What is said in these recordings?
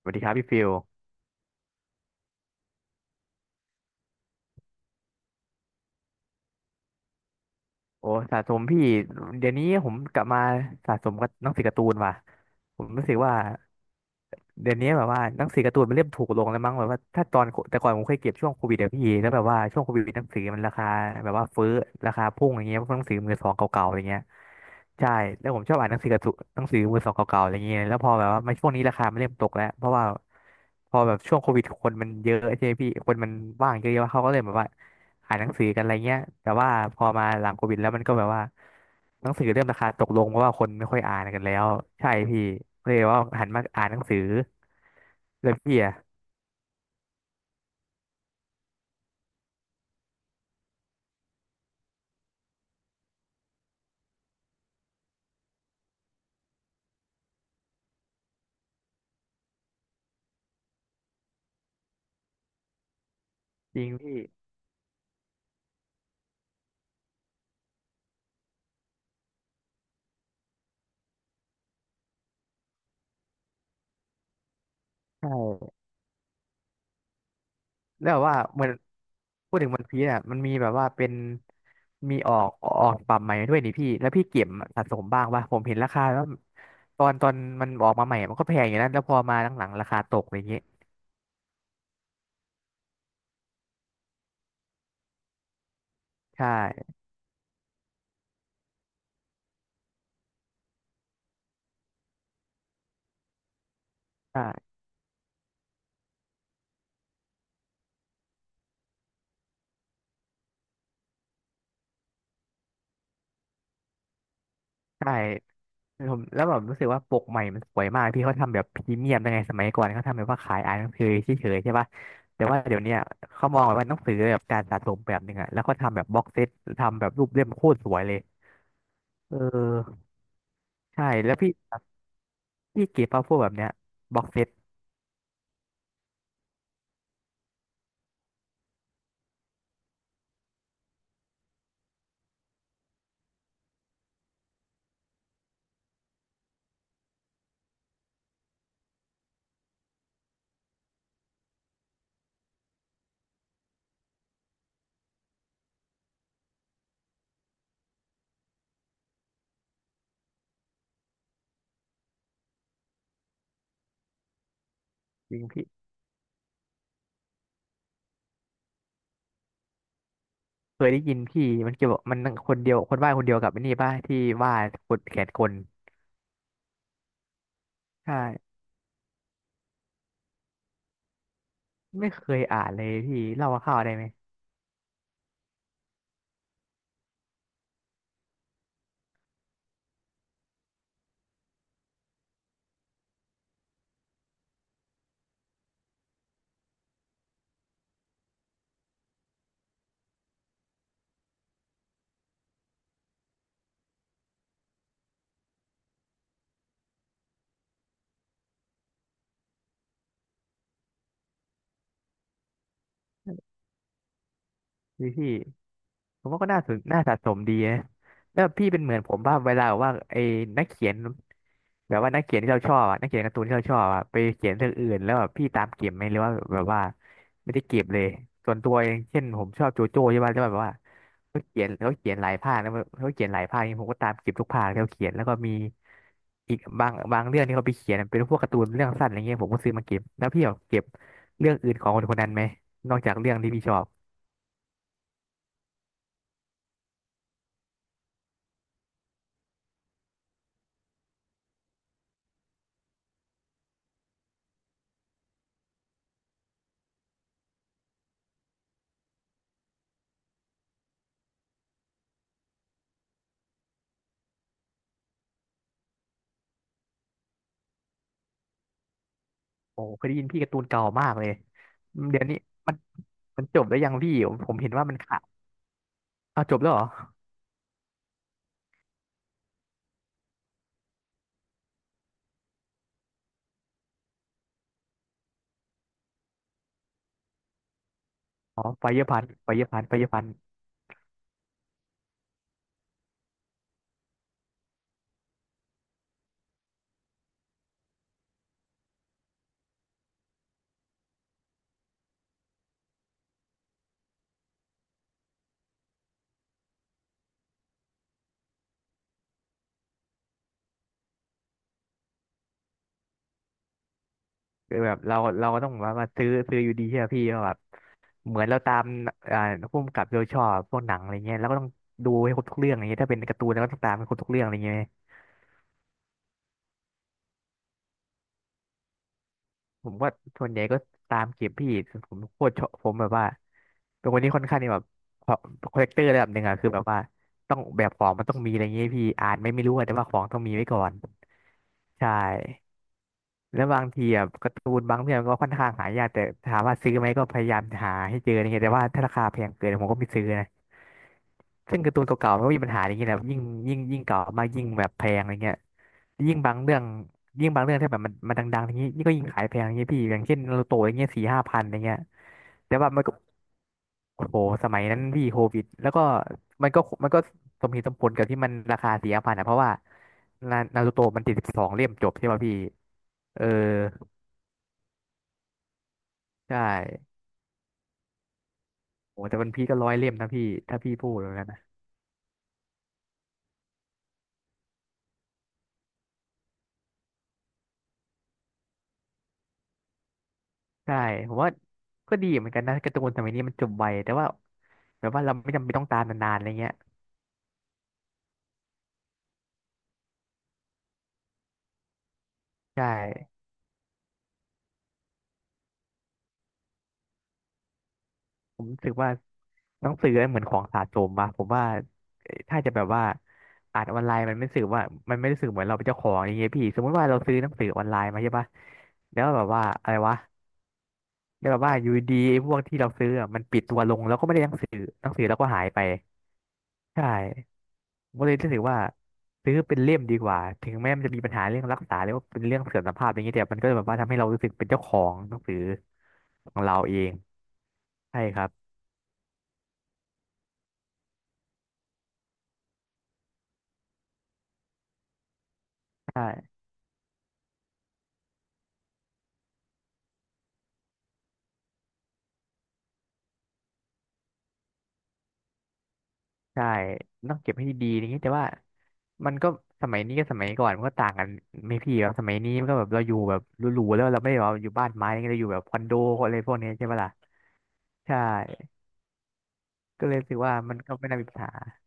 สวัสดีครับพี่ฟิลโอ้สะสมพี่เดี๋ยวนี้ผมกลับมาสะสมกับหนังสือการ์ตูนว่ะผมรู้สึกว่า เดี๋ยวนี้แบบว่าหนังสือการ์ตูนมันเริ่มถูกลงแล้วมั้งแบบว่าถ้าตอนแต่ก่อนผมเคยเก็บช่วงโควิดเดี๋ยวพี่แล้วแบบว่าช่วงโควิดหนังสือมันราคาแบบว่าฟื้อราคาพุ่งอย่างเงี้ยเพวกหนังสือมือสองเก่าๆอย่างเงี้ยใช่แล้วผมชอบอ่านหนังสือการ์ตูนหนังสือมือสองเก่าๆอะไรเงี้ยแล้วพอแบบว่ามาช่วงนี้ราคามันเริ่มตกแล้วเพราะว่าพอแบบช่วงโควิดคนมันเยอะใช่ไหมพี่คนมันว่างเยอะๆเขาก็เลยแบบว่าอ่านหนังสือกันอะไรเงี้ยแต่ว่าพอมาหลังโควิดแล้วมันก็แบบว่า หนังสือเริ่มราคาตกลงเพราะว่าคนไม่ค่อยอ่านกันแล้วใช่พี่เลยว่าหันมาอ่านหนังสือเลยพี่อะจริงพี่ใช่แล้วแบบว่าเหมือนพูดถึงวันพีซอ่ะมันมีแบบว่าเป็นมีออกออกฉบับใหม่ด้วยนี่พี่แล้วพี่เก็บสะสมบ้างป่ะผมเห็นราคาแล้วตอนมันออกมาใหม่มันก็แพงอย่างนั้นแล้วพอมาหลังๆราคาตกอย่างเงี้ยใช่ใช่ ใช่ผมแล้วแบบรู้สึกว่าปกใหม่มันสวยมากพี่เขาทำแบบพรีเมียมยังไงสมัยก่อนเขาทำแบบว่าขายอ่านหนังสือเฉยๆใช่ปะแต่ว่าเดี๋ยวเนี้ยเขามองแบบว่าหนังสือแบบการสะสมแบบหนึ่งอะแล้วก็ทำแบบบ็อกเซตทำแบบรูปเล่มโคตรสวยเลยเออใช่แล้วพี่พี่เก็บมาพวกแบบเนี้ยบ็อกเซตจริงพี่เคยได้ยินพี่มันเกี่ยวกับมันคนเดียวคนวาดคนเดียวกับไอ้นี่ป่ะที่วาดคนแขนคนใช่ไม่เคยอ่านเลยพี่เล่าคร่าวๆได้ไหมพี่พี่ ผมว่าก็น่าสนน่าสะสมดีนะแล้วพี่เป็นเหมือนผมว่าเวลาแบบว่าไอ้นักเขียนแบบว่านักเขียนที่เราชอบอะนักเขียนการ์ตูนที่เราชอบอะไปเขียนเรื่องอื่นแล้วแบบพี่ตามเก็บไหมหรือว่าแบบว่าไม่ได้เก็บเลยส่วนตัวเองเช่นผมชอบโจโจ้ใช่ไหมแล้วแบบว่าเขาเขียนหลายภาคนะเขาเขียนหลายภาคนี่ผมก็ตามเก็บทุกภาคที่เขาเขียนแล้วก็มีอีกบางเรื่องที่เขาไปเขียนเป็นพวกการ์ตูนเรื่องสั้นอะไรเงี้ยผมก็ซื้อมาเก็บแล้วพี่แบบเก็บเรื่องอื่นของคนคนนั้นไหมนอกจากเรื่องที่พี่ชอบ โอ้เคยได้ยินพี่การ์ตูนเก่ามากเลยเดี๋ยวนี้มันมันจบแล้วยังพี่ผมเห็นว่ามันขาดอ้าวจบแล้วเหรออ๋อไฟเยอร์พันไฟเยอร์พันไฟเยอร์พันคือแบบเราก็ต้องแบบว่าซื้ออยู่ดีใช่ไหมพี่ว่าแบบเหมือนเราตามอ่าผู้กำกับโดยชอบพวกหนังอะไรเงี้ยแล้วก็ต้องดูให้ครบทุกเรื่องอะไรเงี้ยถ้าเป็นการ์ตูนเราก็ต้องตามให้ครบทุกเรื่องอะไรเงี้ย ผมก็ส่วนใหญ่ก็ตามเก็บพี่ผมโคตรชอบผมแบบว่าเป็นคนที่ค่อนข้างที่แบบคอลเลกเตอร์ระดับหนึ่งอะคือแบบว่าต้องแบบของมันต้องมีอะไรเงี้ยพี่อ่านไม่รู้อะแต่ว่าของต้องมีไว้ก่อนใช่แล้วบางทีอะการ์ตูนบางเรื่องก็ค่อนข้างหายากแต่ถามว่าซื้อไหมก็พยายามหาให้เจออะไรเงี้ยแต่ว่าถ้าราคาแพงเกินผมก็ไม่ซื้อนะ ซึ่งการ์ตูนเก่าๆมันก็มีปัญหาอย่างนี้แหละยิ่งเก่ามากยิ่งแบบแพงอะไรเงี้ยยิ่งบางเรื่องยิ่งบางเรื่องที่แบบมันดังๆอย่างนี้นี่ก็ยิ่งขายแพงอย่างเงี้ยพี่อย่างเช่นนารูโตะอย่างเงี้ยสี่ห้าพันอย่างเงี้ยแต่ว่ามันก็โอ้โหสมัยนั้นพี่โควิดแล้วก็มันก็สมเหตุสมผลกับที่มันราคาสี่ห้าพันนะเพราะว่านารูโตะมันติด12เล่มจบใช่ป่ะพี่เออใช่โอ้แต่วันพีก็100เล่มนะพี่ถ้าพี่พูดแล้วนะ ใช่ผมว่าก็ดีเหมือนกันนะการ์ตูนสมัยนี้มันจบไวแต่ว่าแบบว่าเราไม่จำเป็นต้องตามนานๆอะไรเงี้ยใช่ผมรู้สึกว่าหนังสือเหมือนของสะสมอะผมว่าถ้าจะแบบว่าอ่านออนไลน์มันไม่รู้สึกว่ามันไม่รู้สึกเหมือนเราเป็นเจ้าของอะไรเงี้ยพี่สมมติว่าเราซื้อหนังสือออนไลน์มาใช่ปะแล้วแบบว่าอะไรวะแล้วแบบว่าอยู่ดีๆไอ้พวกที่เราซื้ออะมันปิดตัวลงแล้วก็ไม่ได้หนังสือแล้วก็หายไปใช่ ผมก็เลยรู้สึกว่าซื้อเป็นเล่มดีกว่าถึงแม้มันจะมีปัญหาเรื่องรักษาหรือว่าเป็นเรื่องเสื่อมสภาพอย่างเงี้ยแต่มันก็แบบว่าทำให้เรารู้สึกเป็นเจ้าของหนังสือของเราเองใช่ครับใช่ใช่ต้องเก็บให้ดีๆอย่างนี้แต่ว่ามันก็สมัยนี้กับสมัยก่อนมันก็ต่างกันไม่พี่แบบสมัยนี้มันก็แบบเราอยู่แบบหรูๆแล้วเราไม่ได้แบบว่าอยู่บ้านไม้อะไรเงี้ยเราอยู่แบบคอนโดอะไรพวกนี้ใช่ปะล่ะใช่ก็เลยรู้สึกว่ามันก็ไม่น่ามีปัญหา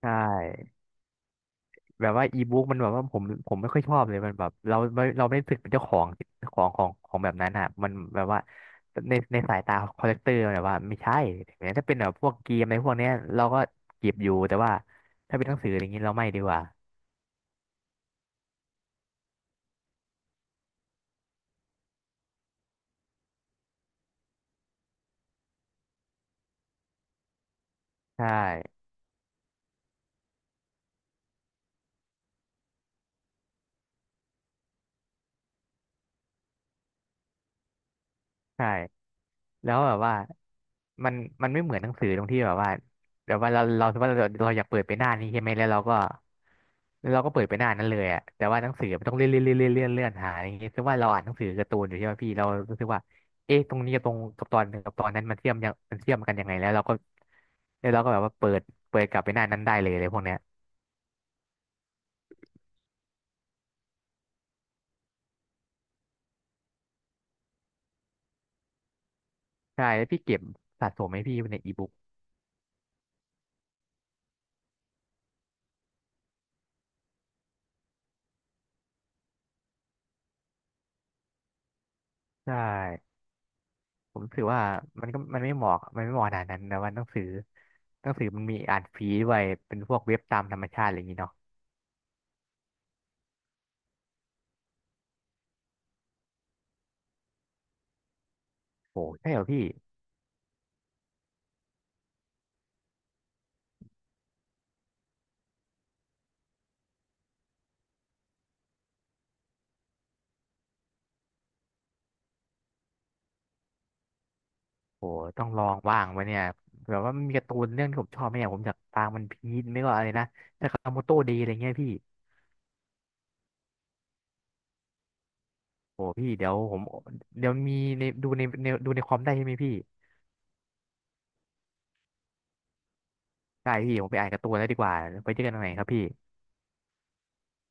ใช่ แบบว่าอีบุ๊กมันแบบว่าผมไม่ค่อยชอบเลยมันแบบเราไม่รู้สึกเป็นเจ้าของของแบบนั้นอ่ะมันแบบว่าในสายตาคอลเลกเตอร์แบบว่าไม่ใช่แต่ถ้าเป็นแบบพวกเกมในพวกเนี้ยเราก็เก็บอยู่แต่ว่าถ้าเป็นหนังสืออย่างนี้เราไม่ดีกว่าใช่ ใช่แล้วแบบว่ามันมันไม่เหมือนหนังสือตรงที่แบบว่าแบบว่าเราสมมติว่าเราอยากเปิดไปหน้านี้ใช่ไหมแล้วเราก็แล้วเราก็เปิดไปหน้านั้นเลยอะแต่ว่าหนังสือมันต้องเลื่อนเลื่อนเลื่อนเลื่อนเลื่อนหาอย่างเงี้ยซึ่งว่าเราอ่านหนังสือการ์ตูนอยู่ใช่ไหมพี่เรารู้สึกว่าเอ๊ะตรงนี้กับตอนหนึ่งกับตอนนั้นมันเชื่อมกันยังไงแล้วเราก็แล้วเราก็แบบว่าเปิดกลับไปหน้านั้นได้เลยพวกเนี้ยใช่แล้วพี่เก็บสะสมไหมพี่ในอีบุ๊กใช่ ผมรู้สึกว่ามันก็มันไม่เหมาะขนาดนั้นแต่ว่าหนังสือมันมีอ่านฟรีด้วยเป็นพวกเว็บตามธรรมชาติอะไรอย่างนี้เนาะโอ้ใช่เหรอพี่โอ้ต้องลองบ้างวะเนี่ยแบบว่ามันมีการ์ตูนเรื่องที่ผมชอบไหมเนี่ยผมอยากตามมันพีชไม่ก็อะไรนะแต่คาโมโต้เดย์อะไรเงี้ยพี่โอ้พี่เดี๋ยวผมเดี๋ยวมีในดูในในดูในคอมได้ใช่ไหมพี่ได้พี่ผมไปอ่านการ์ตูนแล้วดีกว่าไปเจอกันตรงไหนครับพี่